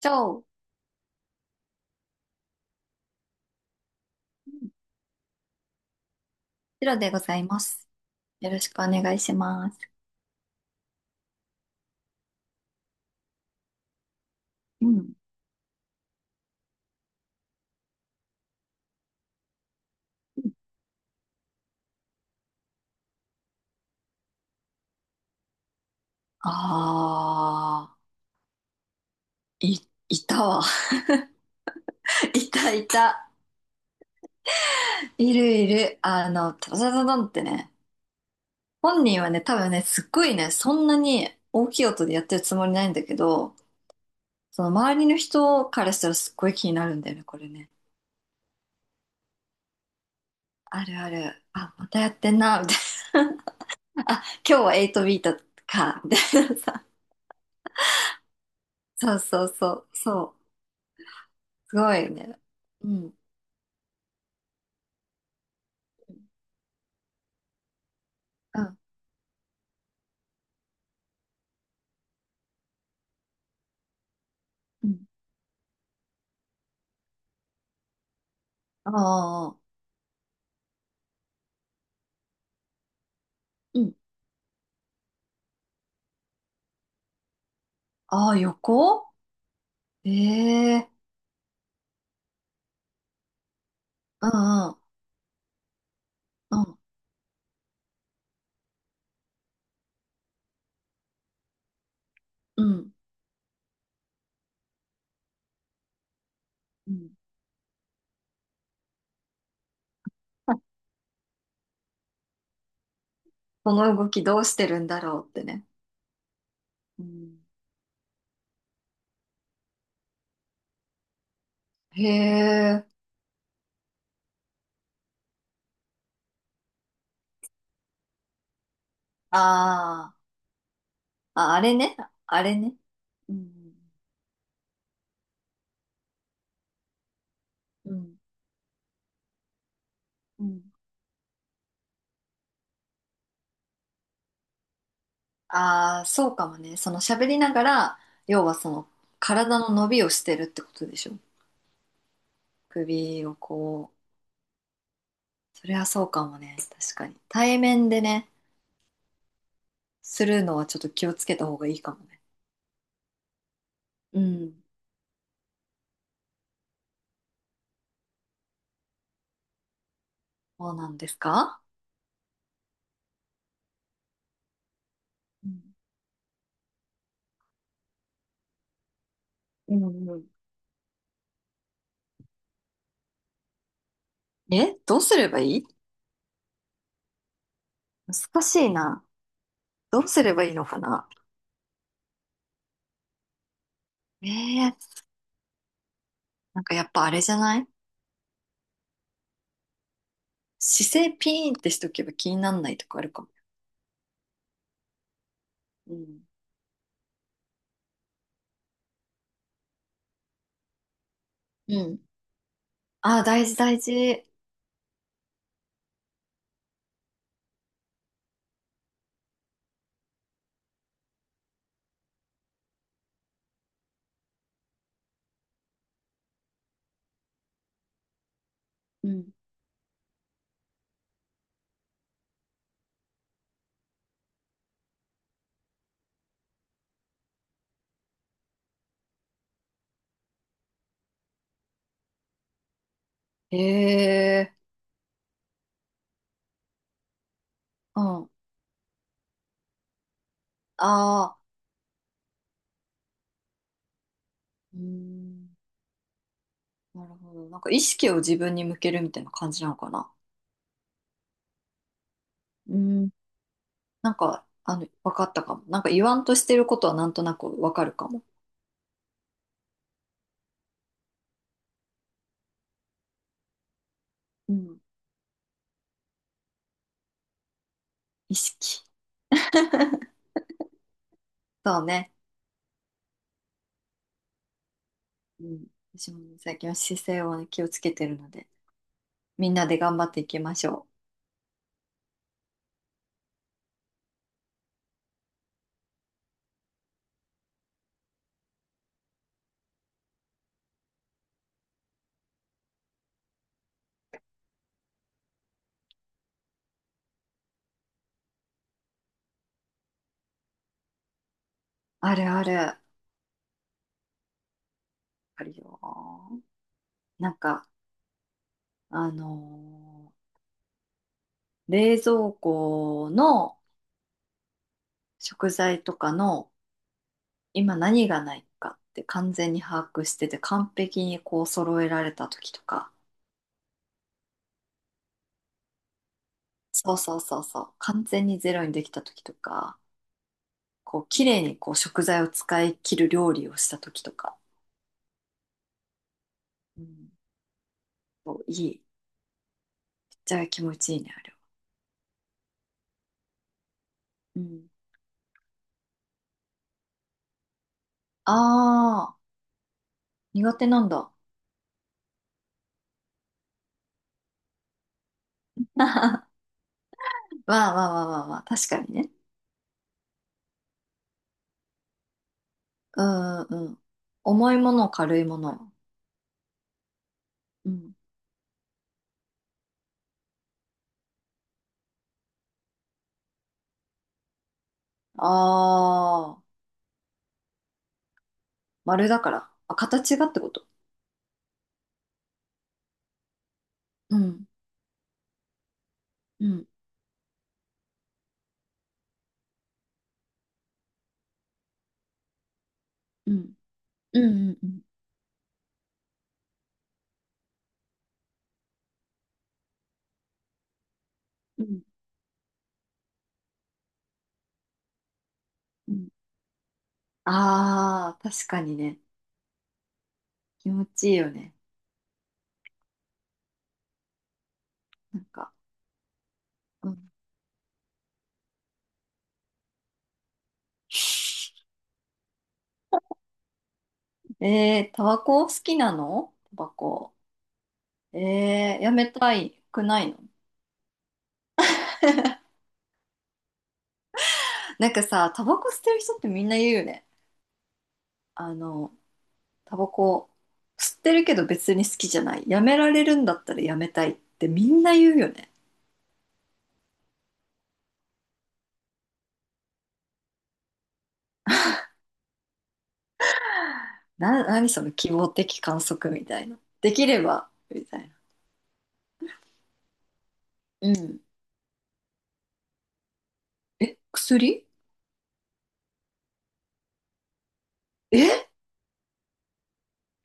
チョウ、シロでございます。よろしくお願いします。うん。あいたわ。いたいた。いるいる。タタタタタンってね、本人はね、多分ね、すっごいね、そんなに大きい音でやってるつもりないんだけど、その周りの人からしたらすっごい気になるんだよね、これね。あるある。あ、またやってんな、みたいな。あ、今日は8ビートか、みたいなさ。そうそうそう、そう。すごいね。うんうん。うん。ああ、うん。ああ、横。ええ、うんうん、うん、うん。うん。 この動きどうしてるんだろうってね。うん、へえ、ああ、あ、あれね、あれね。うん、うん、うん。ああ、そうかもね。その喋りながら、要はその体の伸びをしてるってことでしょ。首をこう。それはそうかもね。確かに。対面でね、するのはちょっと気をつけた方がいいかもね。うん。そうなんですか？うん、うんうん。え、どうすればいい？難しいな。どうすればいいのかな。ええ、なんかやっぱあれじゃない？姿勢ピーンってしとけば気になんないとかあるかも。うん、うん。ああ、大事大事。うん、ええ、うん。ああ、うん。なるほど。なんか意識を自分に向けるみたいな感じなのかな。うん、わかったかも。なんか言わんとしてることはなんとなくわかるかも。うん。意識。そうね。うん、私もね最近は姿勢をね気をつけてるので、みんなで頑張っていきましょう。あるある。あるよ。なんか、あのー冷蔵庫の食材とかの今何がないかって完全に把握してて、完璧にこう揃えられた時とか、そうそうそうそう、完全にゼロにできた時とか、こう綺麗にこう食材を使い切る料理をした時とか、うん、そういい。めっちゃ気持ちいいね、あれは。うん。ああ、苦手なんだ。わあわあわあわあわあ、確かにね。うんうんうん。重いもの、軽いもの。うん。ああ、丸だから。あ、形がってこと。うん。うん。うん。うんうんうん。うん。ああー、確かにね。気持ちいいよね。なんか。うん、えー、タバコ好きなのタバコ。えー、やめたいくないの？なんかさ、タバコ吸ってる人ってみんな言うよね。あの、タバコ吸ってるけど別に好きじゃない。やめられるんだったらやめたいってみんな言うよね。な、何その希望的観測みたいな。できれば、みたいな。うん。え、薬？え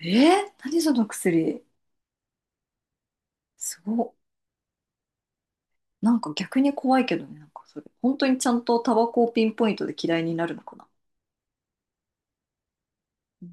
え、何その薬？すごっ。なんか逆に怖いけどね、なんかそれ。本当にちゃんとタバコをピンポイントで嫌いになるのかな。うん、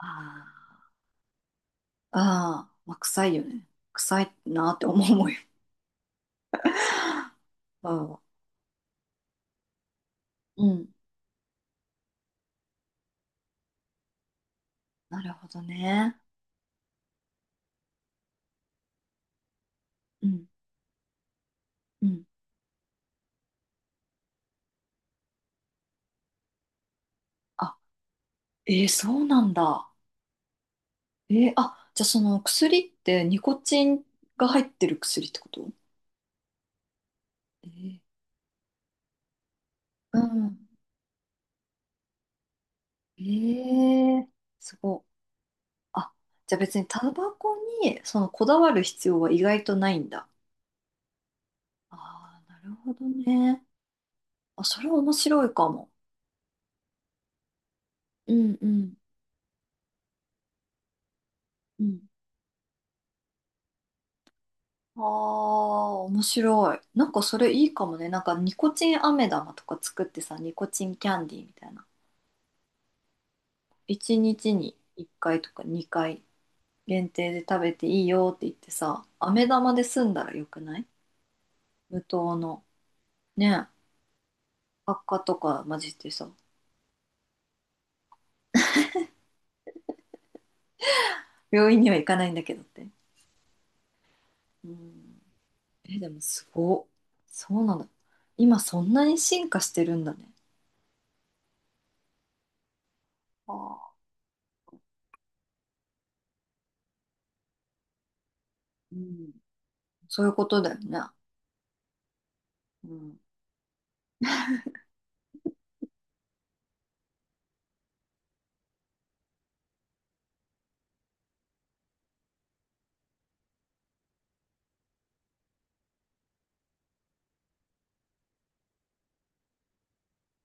ああ、ああ、まあ、臭いよね。臭いなって思うもんよ。うん。うん、なるほどね。うん。うん。あ、えー、そうなんだ。えー、あ、じゃあその薬ってニコチンが入ってる薬ってこと？えー、うん。えー、すごい。あ、じゃあ別にタバコにそのこだわる必要は意外とないんだ。ああ、なるほどね。あ、それ面白いかも。うんうんうん。ああ、面白い。なんかそれいいかもね。なんかニコチン飴玉とか作ってさ、ニコチンキャンディーみたいな。1日に1回とか2回限定で食べていいよって言ってさ、飴玉で済んだらよくない？無糖の。ねえ、悪化とか混じってさ、病院には行かないんだけどって。うん。え、でもすごっ。そうなんだ。今そんなに進化してるんだね。ああ。うん。そういうことだよね。うん。